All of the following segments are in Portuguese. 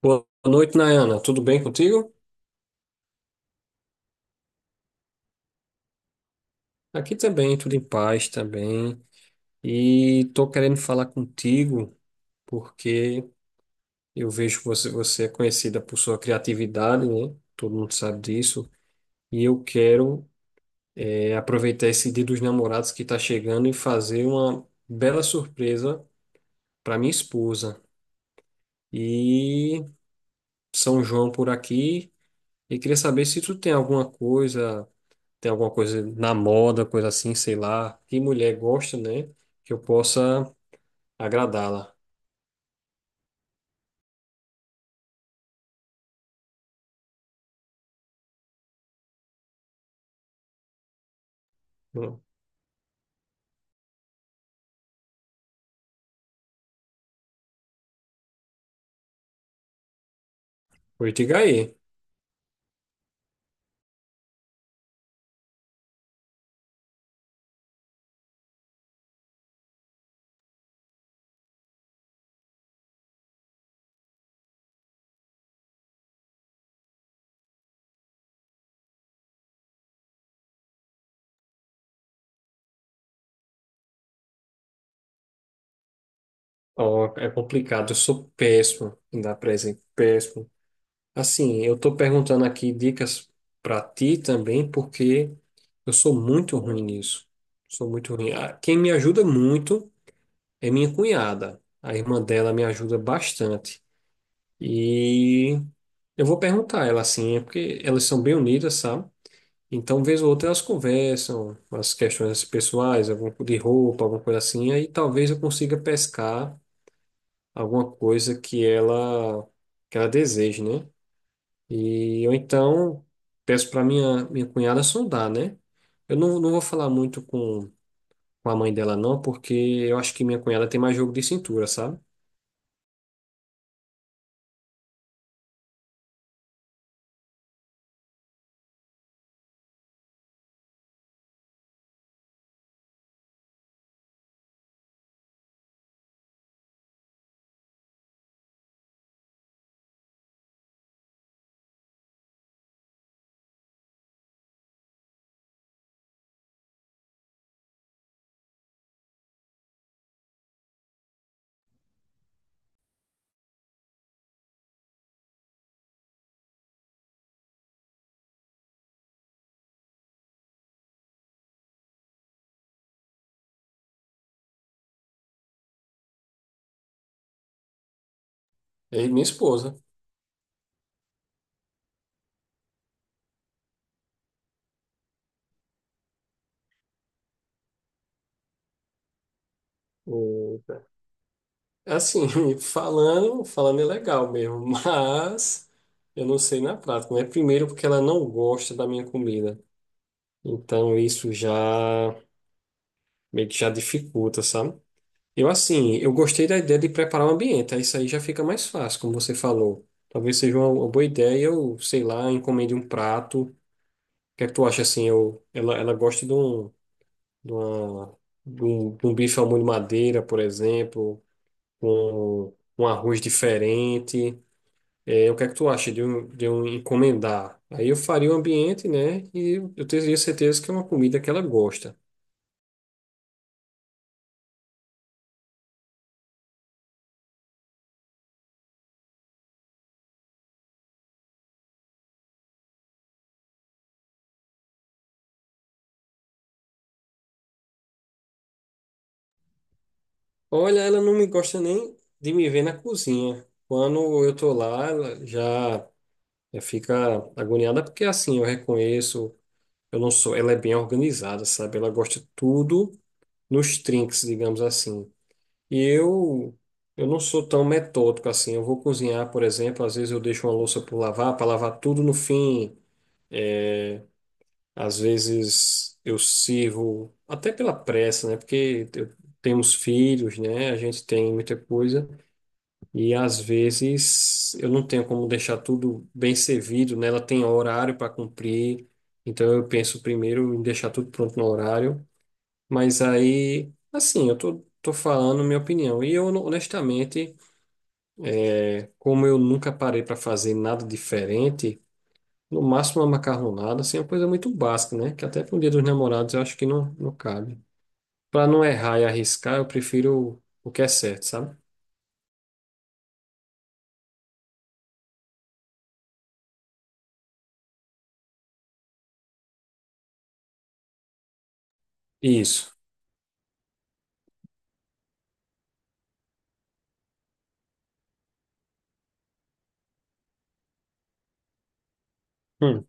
Boa noite, Nayana. Tudo bem contigo? Aqui também, tudo em paz também. E tô querendo falar contigo porque eu vejo que você é conhecida por sua criatividade, né? Todo mundo sabe disso. E eu quero aproveitar esse Dia dos Namorados que está chegando e fazer uma bela surpresa para minha esposa. E São João por aqui. E queria saber se tu tem alguma coisa na moda, coisa assim, sei lá, que mulher gosta, né? Que eu possa agradá-la. Hum. Pois diga aí. Ó, é complicado, eu sou péssimo em dar presente, péssimo. Assim, eu tô perguntando aqui dicas pra ti também, porque eu sou muito ruim nisso. Sou muito ruim. Ah, quem me ajuda muito é minha cunhada. A irmã dela me ajuda bastante. E eu vou perguntar a ela assim, é porque elas são bem unidas, sabe? Então, vez ou outra, elas conversam as questões pessoais, de roupa, alguma coisa assim, aí talvez eu consiga pescar alguma coisa que ela deseje, né? E eu então peço para minha cunhada sondar, né? Eu não vou falar muito com a mãe dela não, porque eu acho que minha cunhada tem mais jogo de cintura, sabe? É minha esposa. Assim, falando é legal mesmo, mas eu não sei na prática, né? Primeiro porque ela não gosta da minha comida. Então isso já meio que já dificulta, sabe? Eu assim, eu gostei da ideia de preparar o ambiente, aí isso aí já fica mais fácil, como você falou. Talvez seja uma boa ideia, eu, sei lá, encomende um prato. O que é que tu acha assim? Ela gosta de uma, de um bife ao molho madeira, por exemplo, com um arroz diferente. É, o que é que tu acha de eu encomendar? Aí eu faria o ambiente, né? E eu teria certeza que é uma comida que ela gosta. Olha, ela não me gosta nem de me ver na cozinha. Quando eu tô lá, já fica agoniada, porque assim, eu reconheço, eu não sou, ela é bem organizada, sabe? Ela gosta tudo nos trinques, digamos assim. E eu, eu não sou tão metódico assim. Eu vou cozinhar, por exemplo, às vezes eu deixo uma louça por lavar, para lavar tudo no fim. Às vezes eu sirvo até pela pressa, né? Porque eu tenho os filhos, né? A gente tem muita coisa e às vezes eu não tenho como deixar tudo bem servido, né? Ela tem horário para cumprir, então eu penso primeiro em deixar tudo pronto no horário. Mas aí, assim, tô falando minha opinião e eu honestamente, como eu nunca parei para fazer nada diferente. No máximo uma macarronada, assim, é uma coisa muito básica, né? Que até para o Dia dos Namorados eu acho que não cabe. Para não errar e arriscar, eu prefiro o que é certo, sabe? Isso. Hum,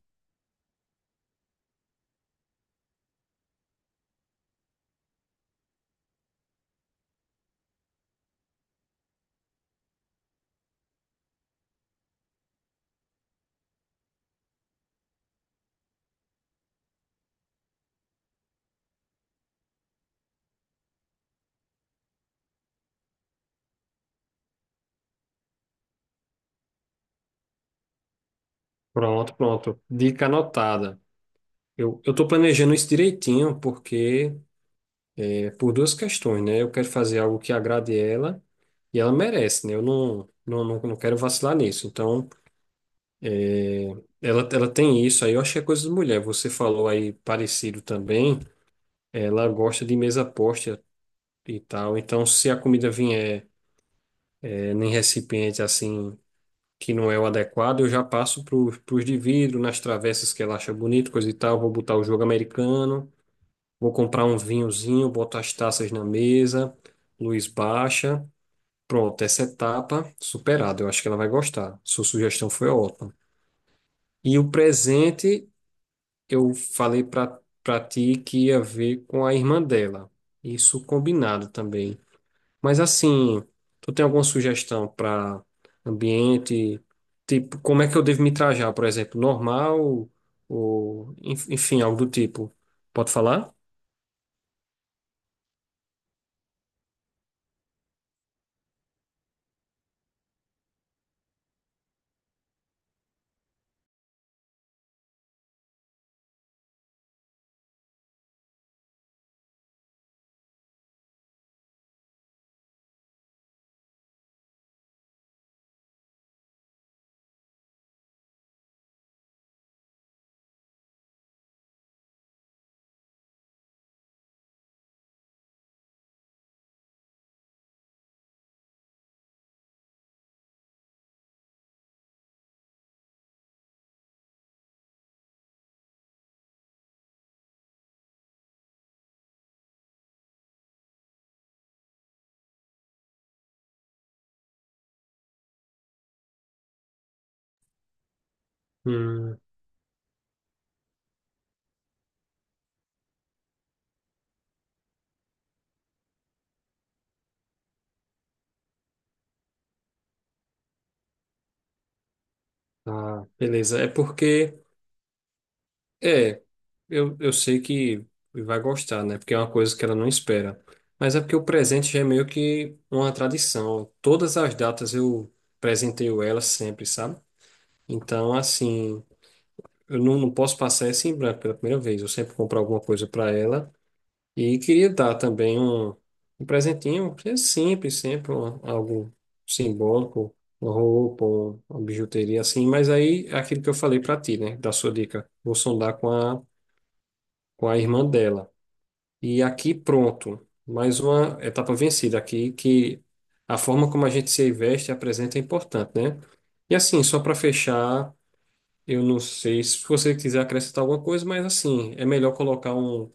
pronto, pronto. Dica anotada. Eu tô planejando isso direitinho, porque é por duas questões, né? Eu quero fazer algo que agrade ela e ela merece, né? Eu não quero vacilar nisso. Então, é, ela tem isso aí. Eu acho que é coisa de mulher. Você falou aí parecido também. Ela gosta de mesa posta e tal. Então, se a comida vier é, em recipiente assim que não é o adequado, eu já passo para os de vidro, nas travessas que ela acha bonito, coisa e tal. Vou botar o jogo americano, vou comprar um vinhozinho, boto as taças na mesa, luz baixa. Pronto, essa etapa superada. Eu acho que ela vai gostar. Sua sugestão foi ótima. E o presente, eu falei para ti que ia ver com a irmã dela. Isso combinado também. Mas assim, tu tem alguma sugestão para ambiente? Tipo, como é que eu devo me trajar, por exemplo, normal ou enfim, algo do tipo? Pode falar? Hum, tá, beleza. É porque é, eu sei que vai gostar, né? Porque é uma coisa que ela não espera. Mas é porque o presente já é meio que uma tradição. Todas as datas eu presenteio ela sempre, sabe? Então, assim, eu não posso passar essa em branco pela primeira vez. Eu sempre compro alguma coisa para ela. E queria dar também um presentinho, que é simples, sempre algo simbólico, uma roupa, uma bijuteria assim. Mas aí, é aquilo que eu falei para ti, né? Da sua dica. Vou sondar com a irmã dela. E aqui, pronto. Mais uma etapa vencida aqui, que a forma como a gente se veste e apresenta é importante, né? E assim, só para fechar. Eu não sei se você quiser acrescentar alguma coisa, mas assim, é melhor colocar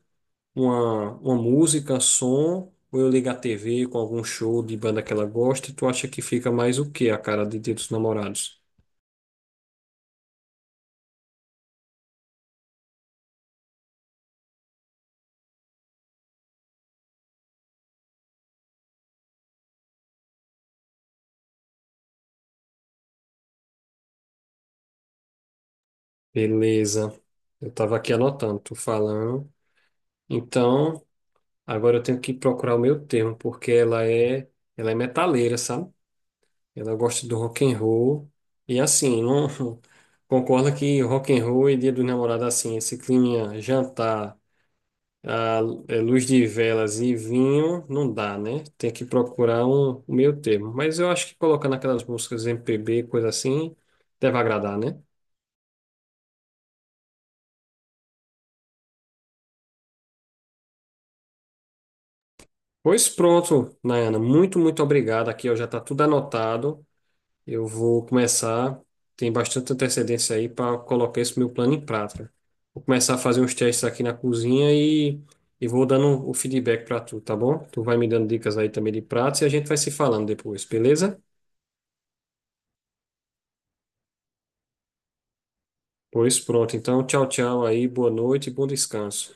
uma música, som, ou eu ligar a TV com algum show de banda que ela gosta, e tu acha que fica mais o quê? A cara de Dia dos Namorados. Beleza. Eu tava aqui anotando, tu falando. Então, agora eu tenho que procurar o meu termo, porque ela é metaleira, sabe? Ela gosta do rock and roll. E assim, não concorda que rock and roll e Dia dos Namorados assim, esse clima jantar a é, luz de velas e vinho não dá, né? Tem que procurar um meio termo. Mas eu acho que colocando aquelas músicas MPB, coisa assim, deve agradar, né? Pois pronto, Nayana. Muito, muito obrigado. Aqui ó, já está tudo anotado. Eu vou começar. Tem bastante antecedência aí para colocar esse meu plano em prática. Vou começar a fazer uns testes aqui na cozinha e vou dando o feedback para tu, tá bom? Tu vai me dando dicas aí também de pratos e a gente vai se falando depois, beleza? Pois pronto. Então, tchau, tchau aí. Boa noite e bom descanso.